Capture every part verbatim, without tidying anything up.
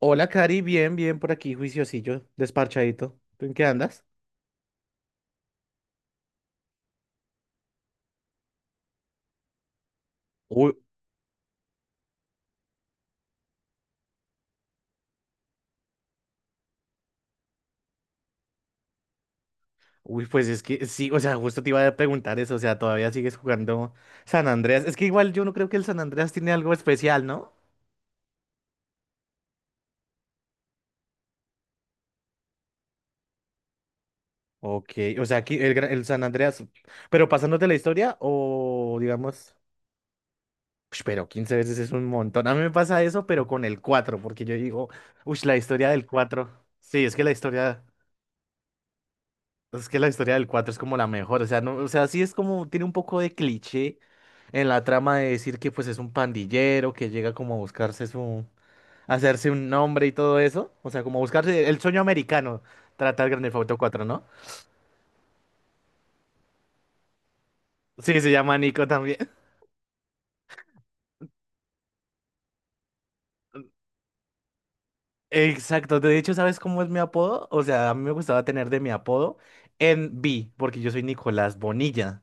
Hola, Cari, bien, bien por aquí, juiciosillo, desparchadito. ¿Tú en qué andas? Uy, uy, pues es que sí, o sea, justo te iba a preguntar eso, o sea, todavía sigues jugando San Andreas. Es que igual yo no creo que el San Andreas tiene algo especial, ¿no? Ok, o sea, aquí el, gra- el San Andreas, pero pasándote la historia o digamos, ush, pero quince veces es un montón. A mí me pasa eso, pero con el cuatro porque yo digo, uy, la historia del cuatro. Sí, es que la historia. Es que la historia del cuatro es como la mejor, o sea, no, o sea, sí es como, tiene un poco de cliché en la trama de decir que pues es un pandillero que llega como a buscarse su, a hacerse un nombre y todo eso, o sea, como a buscarse el sueño americano, trata el Grand Theft Auto cuatro, ¿no? Sí, se llama Nico también. Exacto, de hecho, ¿sabes cómo es mi apodo? O sea, a mí me gustaba tener de mi apodo N B porque yo soy Nicolás Bonilla,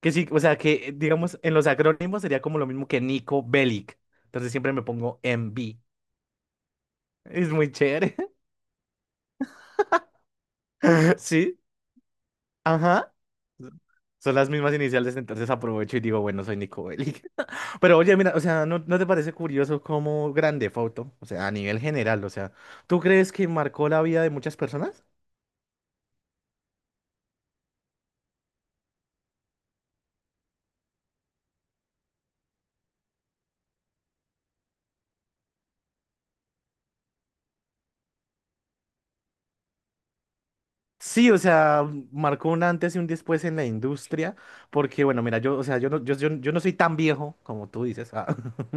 que sí, o sea, que digamos en los acrónimos sería como lo mismo que Nico Bellic, entonces siempre me pongo N B. Es muy chévere. Sí, ajá. Son las mismas iniciales, entonces aprovecho y digo, bueno, soy Nico Bellic. Pero oye, mira, o sea, ¿no, no te parece curioso cómo grande foto. O sea, a nivel general, o sea, ¿tú crees que marcó la vida de muchas personas? Sí, o sea, marcó un antes y un después en la industria, porque bueno, mira, yo, o sea, yo no, yo, yo, yo no soy tan viejo como tú dices, ah,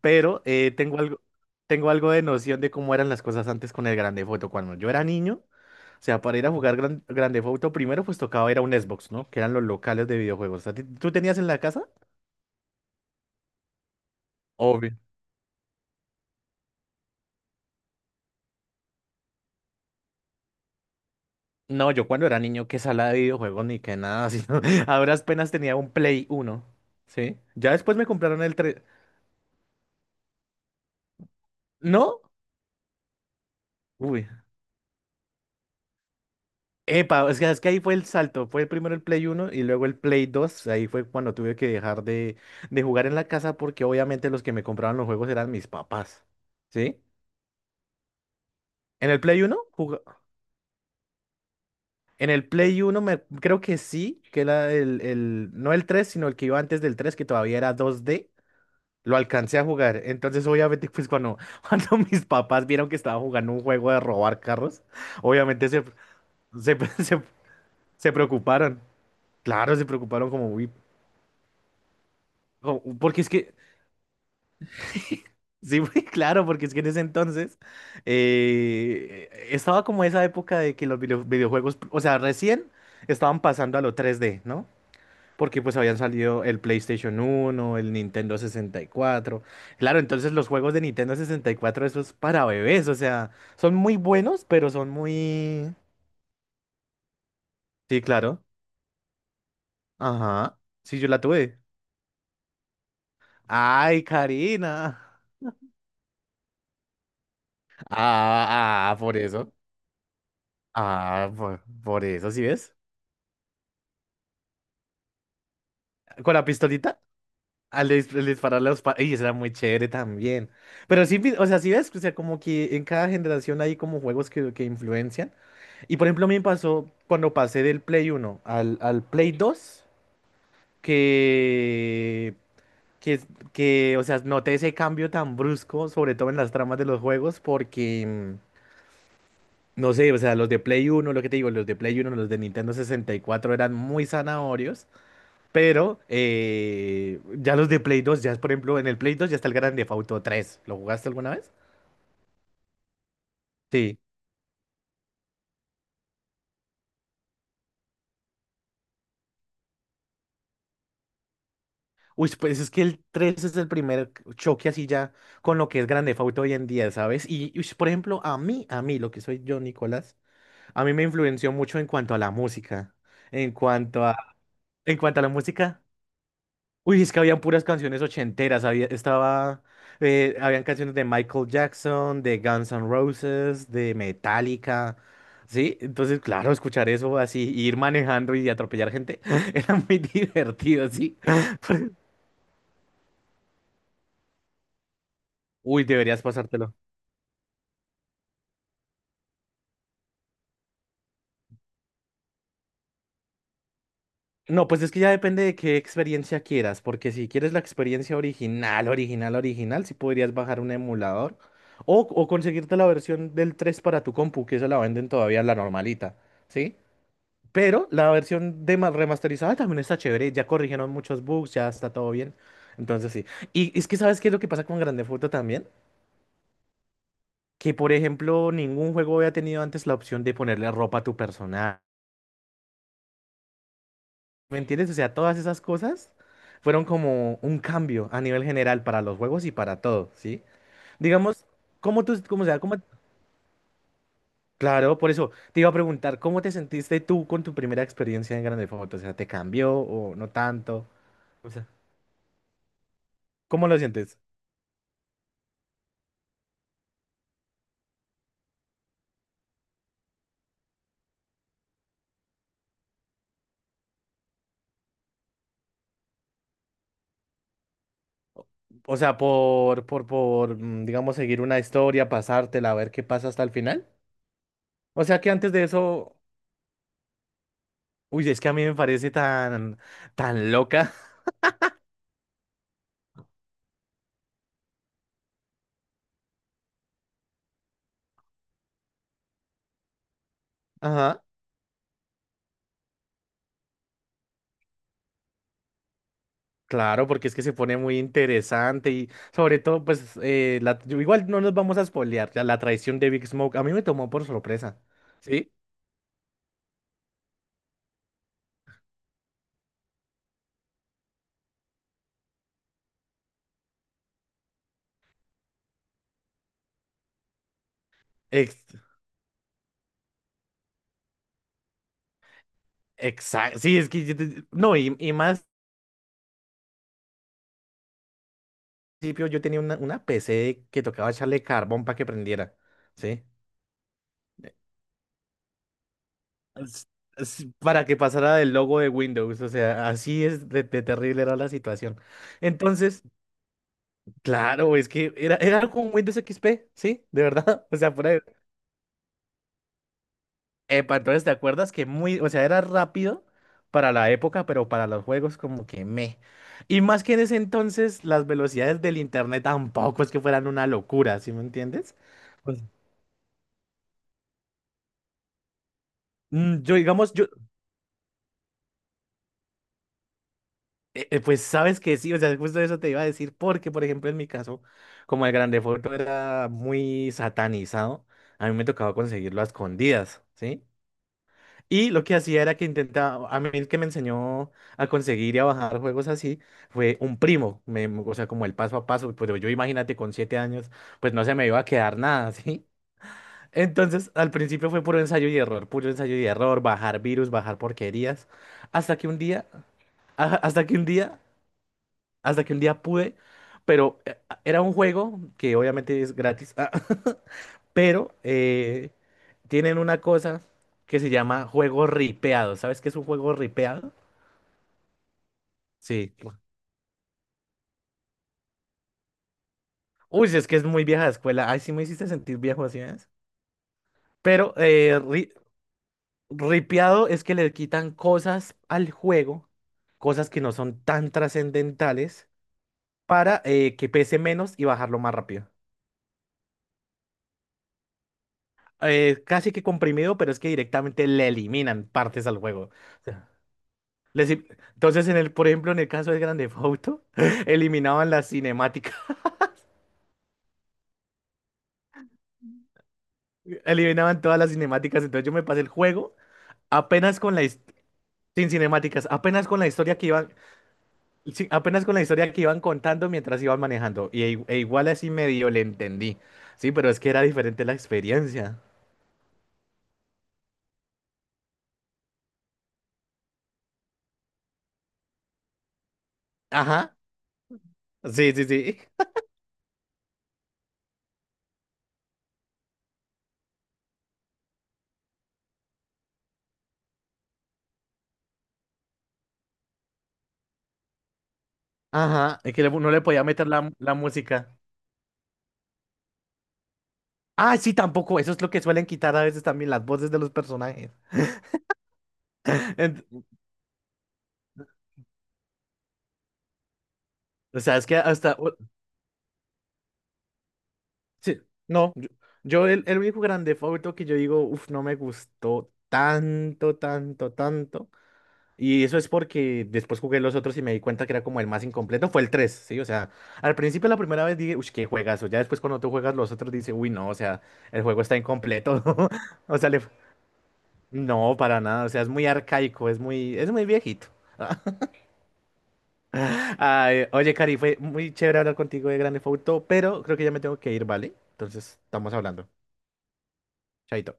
pero eh, tengo algo, tengo algo de noción de cómo eran las cosas antes con el grande foto. Cuando yo era niño, o sea, para ir a jugar Gran, Grand Theft Auto primero, pues tocaba ir a un Xbox, ¿no? Que eran los locales de videojuegos. ¿A ti- ¿Tú tenías en la casa? Obvio. No, yo cuando era niño, qué sala de videojuegos ni qué nada, sino a duras penas tenía un Play Uno. ¿Sí? Ya después me compraron el tres. ¿No? Uy. Epa, es que, es que ahí fue el salto. Fue primero el Play Uno y luego el Play Dos. Ahí fue cuando tuve que dejar de, de jugar en la casa porque obviamente los que me compraban los juegos eran mis papás, ¿sí? ¿En el Play Uno? En el Play uno me, creo que sí, que era el, el, no el tres sino el que iba antes del tres que todavía era dos D, lo alcancé a jugar. Entonces, obviamente, pues cuando, cuando mis papás vieron que estaba jugando un juego de robar carros, obviamente se, se, se, se preocuparon. Claro, se preocuparon como muy. Como- porque es que, sí, muy claro, porque es que en ese entonces eh, estaba como esa época de que los video- videojuegos, o sea, recién estaban pasando a lo tres D, ¿no? Porque pues habían salido el PlayStation uno, el Nintendo sesenta y cuatro. Claro, entonces los juegos de Nintendo sesenta y cuatro esos para bebés, o sea, son muy buenos, pero son muy. Sí, claro. Ajá. Sí, yo la tuve. Ay, Karina. Ah, ah, por eso. Ah, por, por eso, ¿sí ves? Con la pistolita, al, dis- al dispararle a los. pa- Y eso era muy chévere también. Pero sí, vi- o sea, sí ves, o sea, como que en cada generación hay como juegos que, que influencian. Y por ejemplo, a mí me pasó cuando pasé del Play uno al, al Play dos que, que, que, o sea, noté ese cambio tan brusco, sobre todo en las tramas de los juegos, porque, mm, no sé, o sea, los de Play uno lo que te digo, los de Play uno los de Nintendo sesenta y cuatro eran muy zanahorios, pero eh, ya los de Play dos ya es, por ejemplo, en el Play dos ya está el Grand Theft Auto tres. ¿Lo jugaste alguna vez? Sí. Uy, pues es que el tres es el primer choque así ya con lo que es Grand Theft Auto hoy en día, ¿sabes? Y, ush, por ejemplo, a mí, a mí, lo que soy yo, Nicolás, a mí me influenció mucho en cuanto a la música. En cuanto a, en cuanto a la música, uy, es que habían puras canciones ochenteras, había, estaba, eh, habían canciones de Michael Jackson, de Guns N' Roses, de Metallica, ¿sí? Entonces, claro, escuchar eso así, ir manejando y atropellar gente, era muy divertido, ¿sí? Uy, deberías pasártelo. No, pues es que ya depende de qué experiencia quieras, porque si quieres la experiencia original, original, original, sí podrías bajar un emulador o, o conseguirte la versión del tres para tu compu, que esa la venden todavía la normalita, ¿sí? Pero la versión de ma- remasterizada también está chévere, ya corrigieron muchos bugs, ya está todo bien, entonces sí. Y es que, ¿sabes qué es lo que pasa con Grand Theft Auto también? Que, por ejemplo, ningún juego había tenido antes la opción de ponerle ropa a tu personaje. ¿Me entiendes? O sea, todas esas cosas fueron como un cambio a nivel general para los juegos y para todo, ¿sí? Digamos, ¿cómo tú, cómo, o sea, cómo? Claro, por eso te iba a preguntar, ¿cómo te sentiste tú con tu primera experiencia en Grande Foto? O sea, ¿te cambió o no tanto? O sea, ¿cómo lo sientes? O sea, por, por, por, mm, digamos, seguir una historia, pasártela, a ver qué pasa hasta el final. O sea, que antes de eso, uy, es que a mí me parece tan, tan loca. Ajá. Claro, porque es que se pone muy interesante y sobre todo, pues, eh, la- yo- igual no nos vamos a spoilear, ya la traición de Big Smoke a mí me tomó por sorpresa, ¿sí? Ex- exacto, sí, es que, yo te- no, y, y más, al principio yo tenía una, una P C que tocaba echarle carbón para que prendiera, ¿sí? Es- es Para que pasara del logo de Windows, o sea, así es de, de terrible era la situación. Entonces, claro, es que era, era con Windows X P, ¿sí? De verdad, o sea, fuera de. Epa, entonces, ¿te acuerdas? Que muy, o sea, era rápido para la época, pero para los juegos como que me. Y más que en ese entonces, las velocidades del internet tampoco es que fueran una locura, ¿sí me entiendes? Pues, mm, yo, digamos, yo, eh, eh, pues sabes que sí, o sea, justo eso te iba a decir, porque, por ejemplo, en mi caso, como el grande foto era muy satanizado, a mí me tocaba conseguirlo a escondidas, ¿sí? Y lo que hacía era que intentaba, a mí el que me enseñó a conseguir y a bajar juegos así fue un primo, me- o sea, como el paso a paso, pero yo imagínate con siete años, pues no se me iba a quedar nada, ¿sí? Entonces, al principio fue puro ensayo y error, puro ensayo y error, bajar virus, bajar porquerías, hasta que un día, a- hasta que un día, hasta que un día pude, pero eh, era un juego que obviamente es gratis, pero eh, tienen una cosa que se llama juego ripeado. ¿Sabes qué es un juego ripeado? Sí. Uy, si es que es muy vieja de escuela. Ay, sí me hiciste sentir viejo así, ¿ves? Pero eh, ri- ripeado es que le quitan cosas al juego, cosas que no son tan trascendentales, para eh, que pese menos y bajarlo más rápido. Eh, casi que comprimido, pero es que directamente le eliminan partes al juego. Les Entonces, en el, por ejemplo, en el caso de Grande Auto, eliminaban las cinemáticas, eliminaban todas las cinemáticas. Entonces yo me pasé el juego apenas con la his- sin cinemáticas, apenas con la historia que iban, sí, apenas con la historia que iban contando mientras iban manejando. Y i- e igual así medio le entendí. Sí, pero es que era diferente la experiencia. Ajá. Sí, sí, sí. Ajá. Es que le- no le podía meter la, la música. Ah, sí, tampoco. Eso es lo que suelen quitar a veces también las voces de los personajes. Ent- o sea, es que hasta. Sí, no, yo, yo el, el único grande favorito que yo digo, uff, no me gustó tanto, tanto, tanto. Y eso es porque después jugué los otros y me di cuenta que era como el más incompleto, fue el tres, ¿sí? O sea, al principio la primera vez dije, uff, qué juegazo. Ya después cuando tú juegas los otros dices, uy, no, o sea, el juego está incompleto. O sea, le. No, para nada, o sea, es muy arcaico, es muy, es muy viejito. Ay, oye, Cari, fue muy chévere hablar contigo de Grande Auto, pero creo que ya me tengo que ir, ¿vale? Entonces, estamos hablando. Chaito.